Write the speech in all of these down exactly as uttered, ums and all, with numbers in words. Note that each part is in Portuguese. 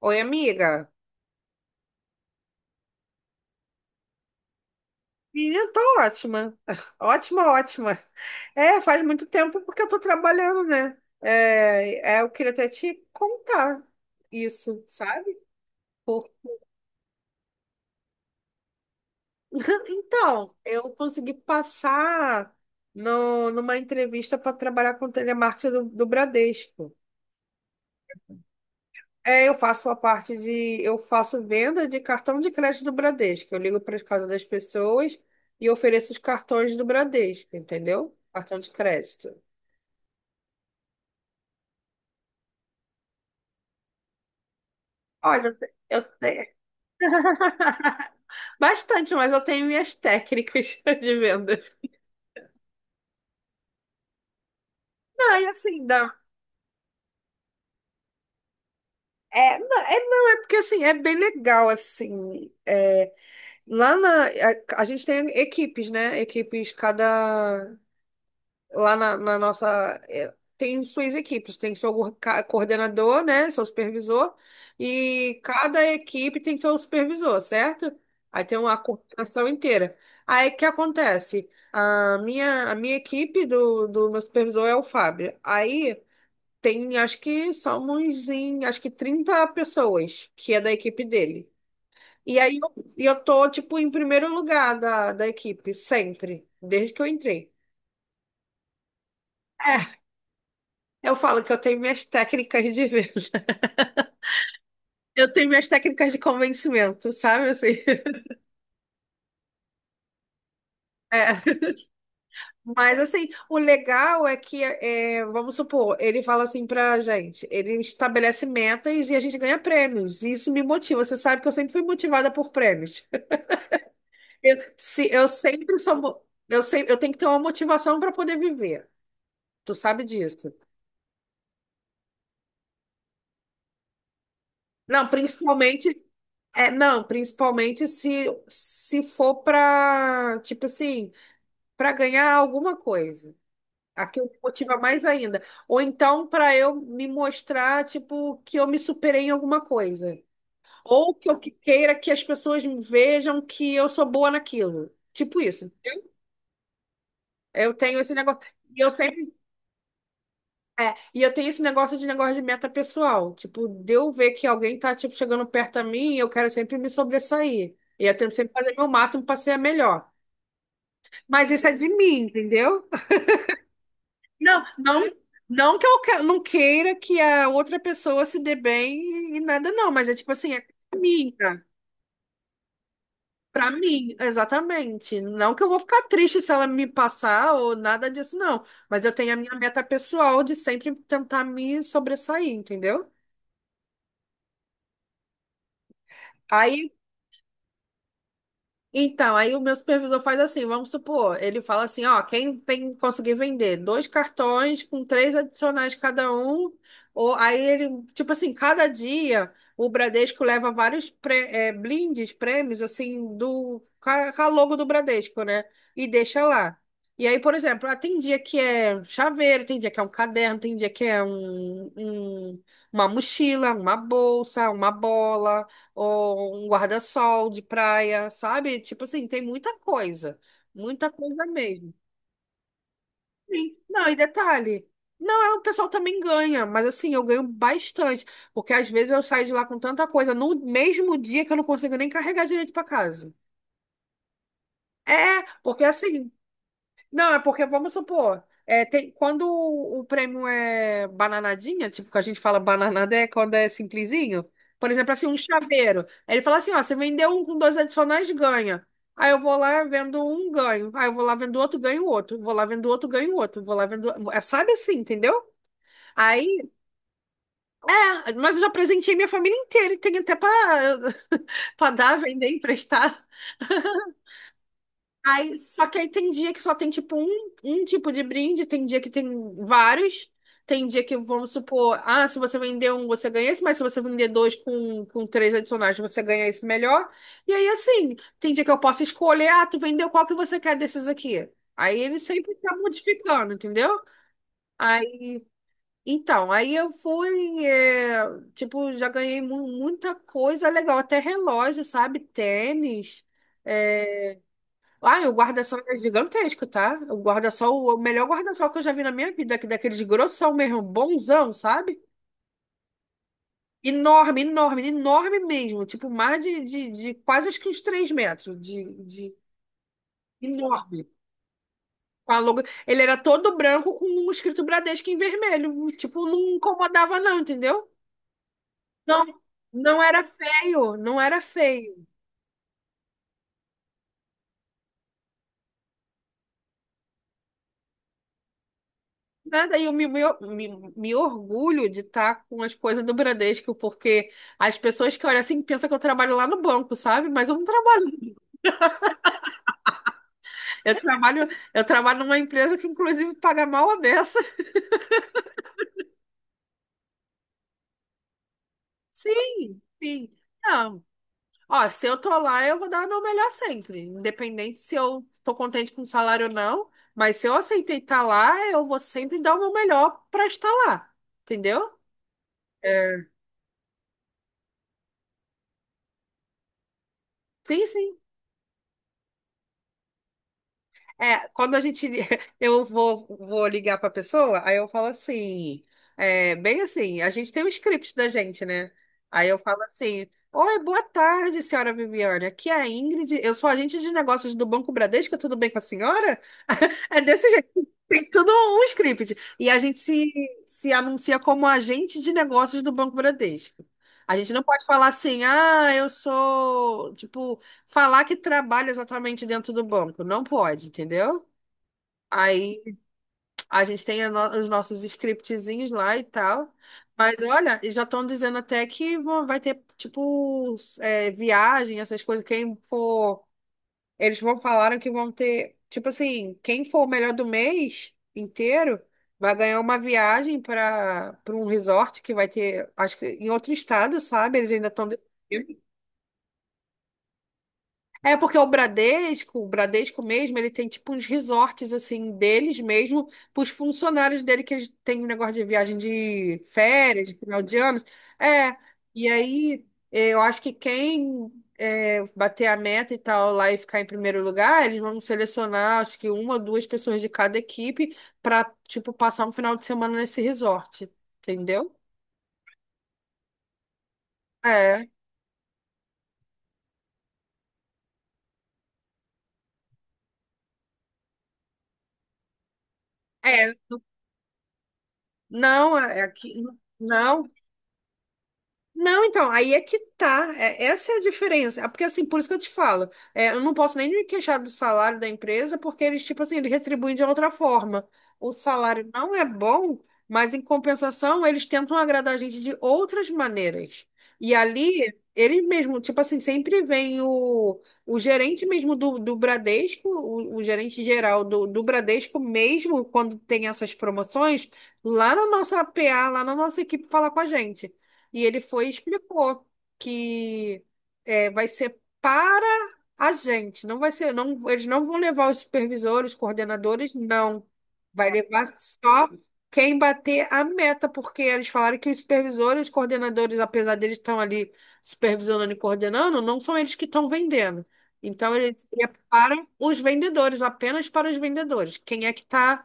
Oi, amiga. Menina, tô ótima. Ótima, ótima. É, faz muito tempo porque eu tô trabalhando, né? É, é, eu queria até te contar isso, sabe? Por- Então, eu consegui passar no, numa entrevista para trabalhar com telemarketing do, do Bradesco. É, eu faço a parte de, eu faço venda de cartão de crédito do Bradesco. Eu ligo para as casas das pessoas e ofereço os cartões do Bradesco, entendeu? Cartão de crédito. Olha, eu te- eu tenho. Bastante, mas eu tenho minhas técnicas de vendas. Não, e assim, dá. É, não, é, não, é porque assim, é bem legal, assim. É, lá na. A, a gente tem equipes, né? Equipes, cada. Lá na, na nossa. É, Tem suas equipes, tem seu go- ca- coordenador, né? Seu supervisor, e cada equipe tem seu supervisor, certo? Aí tem uma coordenação inteira. Aí o que acontece? A minha, a minha equipe do, do meu supervisor é o Fábio. Aí tem, acho que somos em, acho que trinta pessoas que é da equipe dele. E aí eu, e eu tô, tipo, em primeiro lugar da, da equipe, sempre, desde que eu entrei. É. Eu falo que eu tenho minhas técnicas de venda. Eu tenho minhas técnicas de convencimento, sabe? Assim, é. Mas, assim, o legal é que, é, vamos supor, ele fala assim pra gente, ele estabelece metas e a gente ganha prêmios. E isso me motiva. Você sabe que eu sempre fui motivada por prêmios. Eu, se, eu sempre sou. Mo- Eu, sempre, eu tenho que ter uma motivação para poder viver. Tu sabe disso. Não, principalmente. É, não, principalmente se, se for pra, tipo assim, para ganhar alguma coisa. Aquilo me motiva mais ainda. Ou então para eu me mostrar, tipo, que eu me superei em alguma coisa. Ou que eu que- queira que as pessoas me vejam que eu sou boa naquilo. Tipo isso. Eu tenho esse negócio. E eu sempre. É, e eu tenho esse negócio de negócio de meta pessoal. Tipo, de eu ver que alguém tá, tipo, chegando perto a mim, eu quero sempre me sobressair. E eu tento sempre fazer meu máximo para ser a melhor. Mas isso é de mim, entendeu? Não, não, não que eu que- não queira que a outra pessoa se dê bem e nada, não, mas é tipo assim, é minha, pra mim, exatamente. Não que eu vou ficar triste se ela me passar ou nada disso, não. Mas eu tenho a minha meta pessoal de sempre tentar me sobressair, entendeu? Aí Então, aí o meu supervisor faz assim, vamos supor, ele fala assim, ó, quem vem- conseguir vender dois cartões com três adicionais cada um, ou aí ele, tipo assim, cada dia o Bradesco leva vários pré, eh, blindes, prêmios, assim, do, com a com a logo do Bradesco, né? E deixa lá. E aí, por exemplo, ah, tem dia que é chaveiro, tem dia que é um caderno, tem dia que é um, um- uma mochila, uma bolsa, uma bola ou um guarda-sol de praia, sabe? Tipo assim, tem muita coisa, muita coisa mesmo. Sim. Não, e detalhe, não, é, o pessoal também ganha, mas assim, eu ganho bastante, porque às vezes eu saio de lá com tanta coisa no mesmo dia que eu não consigo nem carregar direito para casa. É, porque assim, Não, é porque, vamos supor, é, tem, quando o, o prêmio é bananadinha, tipo, que a gente fala bananada é quando é simplesinho. Por exemplo, assim, um chaveiro. Aí ele fala assim, ó, você vendeu um com dois adicionais, ganha. Aí eu vou lá, vendo um, ganho. Aí eu vou lá, vendo outro, ganho outro. Vou lá, vendo outro, ganho outro. Vou lá, vendo... É, sabe assim, entendeu? Aí, é, mas eu já presenteei minha família inteira. E tenho até pra, pra dar, vender, emprestar. Aí, só que aí tem dia que só tem tipo um, um tipo de brinde, tem dia que tem vários. Tem dia que, vamos supor, ah, se você vender um, você ganha esse, mas se você vender dois com, com três adicionais, você ganha esse melhor. E aí, assim, tem dia que eu posso escolher, ah, tu vendeu qual que você quer desses aqui. Aí ele sempre tá modificando, entendeu? Aí, então, aí eu fui, é, tipo, já ganhei mu- muita coisa legal, até relógio, sabe? Tênis. é, ah, o guarda-sol é gigantesco, tá? O guarda-sol, o melhor guarda-sol que eu já vi na minha vida, que daqueles grossão mesmo, bonzão, sabe? Enorme, enorme, enorme mesmo. Tipo, mais de, de, de quase acho que uns três metros. De, de enorme. Com a logo- Ele era todo branco com um escrito Bradesco em vermelho. Tipo, não incomodava, não, entendeu? Não, não era feio, não era feio. Nada, e eu me, me, me- me orgulho de estar com as coisas do Bradesco, porque as pessoas que olham assim pensam que eu trabalho lá no banco, sabe? Mas eu não trabalho. Eu trabalho, eu trabalho numa empresa que, inclusive, paga mal a beça. Sim, sim. Não. Ó, se eu tô lá, eu vou dar o meu melhor sempre, independente se eu tô contente com o salário ou não. Mas se eu aceitei estar lá, eu vou sempre dar o meu melhor para estar lá, entendeu? É. Sim, sim. É, quando a gente. Eu vou, vou ligar pra pessoa, aí eu falo assim. É, bem assim, a gente tem um script da gente, né? Aí eu falo assim: Oi, boa tarde, senhora Viviane. Aqui é a Ingrid, eu sou agente de negócios do Banco Bradesco, tudo bem com a senhora? É desse jeito. Tem tudo um script. E a gente se, se anuncia como agente de negócios do Banco Bradesco. A gente não pode falar assim, ah, eu sou. Tipo, falar que trabalha exatamente dentro do banco. Não pode, entendeu? Aí a gente tem a no- os nossos scriptzinhos lá e tal. Mas olha, e já estão dizendo até que vão- vai ter, tipo, é, viagem, essas coisas. Quem for. Eles vão falaram que vão ter. Tipo assim, quem for o melhor do mês inteiro vai ganhar uma viagem para para um resort que vai ter, acho que em outro estado, sabe? Eles ainda estão decidindo. É porque o Bradesco, o Bradesco mesmo, ele tem tipo uns resorts assim deles mesmo, para os funcionários dele que eles têm um negócio de viagem de férias, de final de ano. É, e aí eh, eu acho que quem eh, bater a meta e tal lá e ficar em primeiro lugar, eles vão selecionar acho que uma ou duas pessoas de cada equipe para tipo passar um final de semana nesse resort, entendeu? É, é, não, é aqui, não. Não, então, aí é que tá. É- essa é a diferença. Ah, porque, assim, por isso que eu te falo, é, eu não posso nem me queixar do salário da empresa, porque eles, tipo assim, eles retribuem de outra forma. O salário não é bom, mas, em compensação, eles tentam agradar a gente de outras maneiras. E ali, eles mesmo, tipo assim, sempre vem o, o gerente mesmo do, do Bradesco, o, o gerente geral do, do Bradesco, mesmo quando tem essas promoções, lá na nossa P A, lá na nossa equipe, falar com a gente. E ele foi e explicou que é, vai ser para a gente, não vai ser, não, eles não vão levar os supervisores, coordenadores, não. Vai levar só quem bater a meta, porque eles falaram que os supervisores, os coordenadores, apesar deles estão ali supervisionando e coordenando, não são eles que estão vendendo. Então, ele seria para os vendedores, apenas para os vendedores. Quem é que está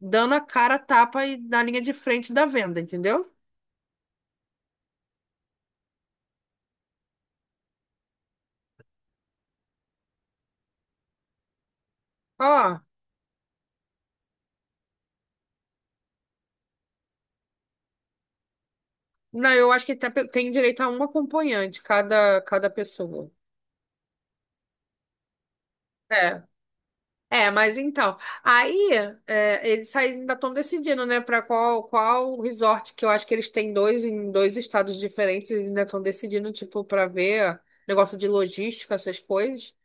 dando a cara, a tapa e na linha de frente da venda, entendeu? Ó, não, eu acho que tá- tem direito a um acompanhante, cada, cada pessoa. É. É, mas então, aí é, eles aí ainda estão decidindo, né, para qual qual resort que eu acho que eles têm dois em dois estados diferentes, eles ainda estão decidindo, tipo, para ver negócio de logística, essas coisas.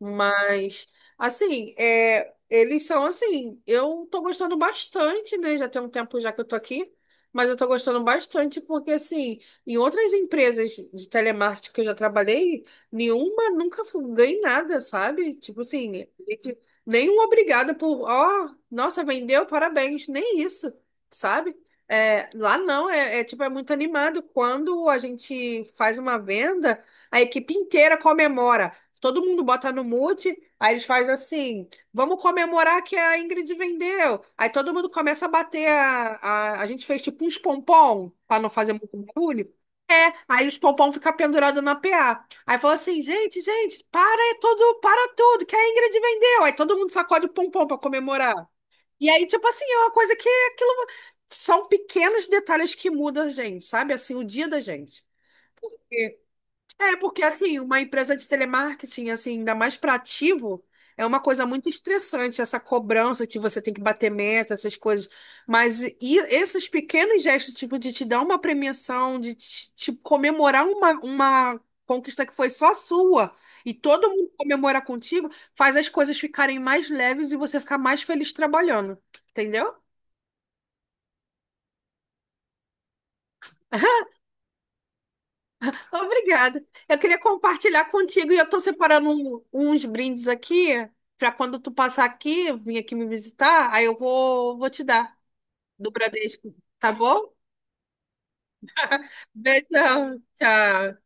Mas, assim, é, eles são assim, eu tô gostando bastante, né? Já tem um tempo já que eu tô aqui, mas eu tô gostando bastante porque, assim, em outras empresas de telemarketing que eu já trabalhei, nenhuma nunca fu- ganhei nada, sabe? Tipo assim, gente- nenhum obrigada por, ó, nossa, vendeu, parabéns, nem isso, sabe? É, lá não, é, é tipo, é muito animado. Quando a gente faz uma venda, a equipe inteira comemora. Todo mundo bota no mute, aí eles fazem assim: vamos comemorar que a Ingrid vendeu. Aí todo mundo começa a bater. A, a, a gente fez tipo uns pompom, para não fazer muito barulho. É, aí os pompom ficam pendurados na P A. Aí fala assim: gente, gente, para é tudo, para tudo, que a Ingrid vendeu. Aí todo mundo sacode o pompom para comemorar. E aí, tipo assim, é uma coisa que aquilo. São pequenos detalhes que mudam a gente, sabe? Assim, o dia da gente. É, porque assim, uma empresa de telemarketing, assim, ainda mais para ativo, é uma coisa muito estressante, essa cobrança que você tem que bater meta, essas coisas. Mas e esses pequenos gestos, tipo, de te dar uma premiação, de te, te comemorar uma, uma conquista que foi só sua, e todo mundo comemora contigo, faz as coisas ficarem mais leves e você ficar mais feliz trabalhando. Entendeu? Obrigada. Eu queria compartilhar contigo e eu estou separando um- uns brindes aqui para quando tu passar aqui, vir aqui me visitar, aí eu vou, vou te dar do Bradesco, tá bom? Beijão, tchau.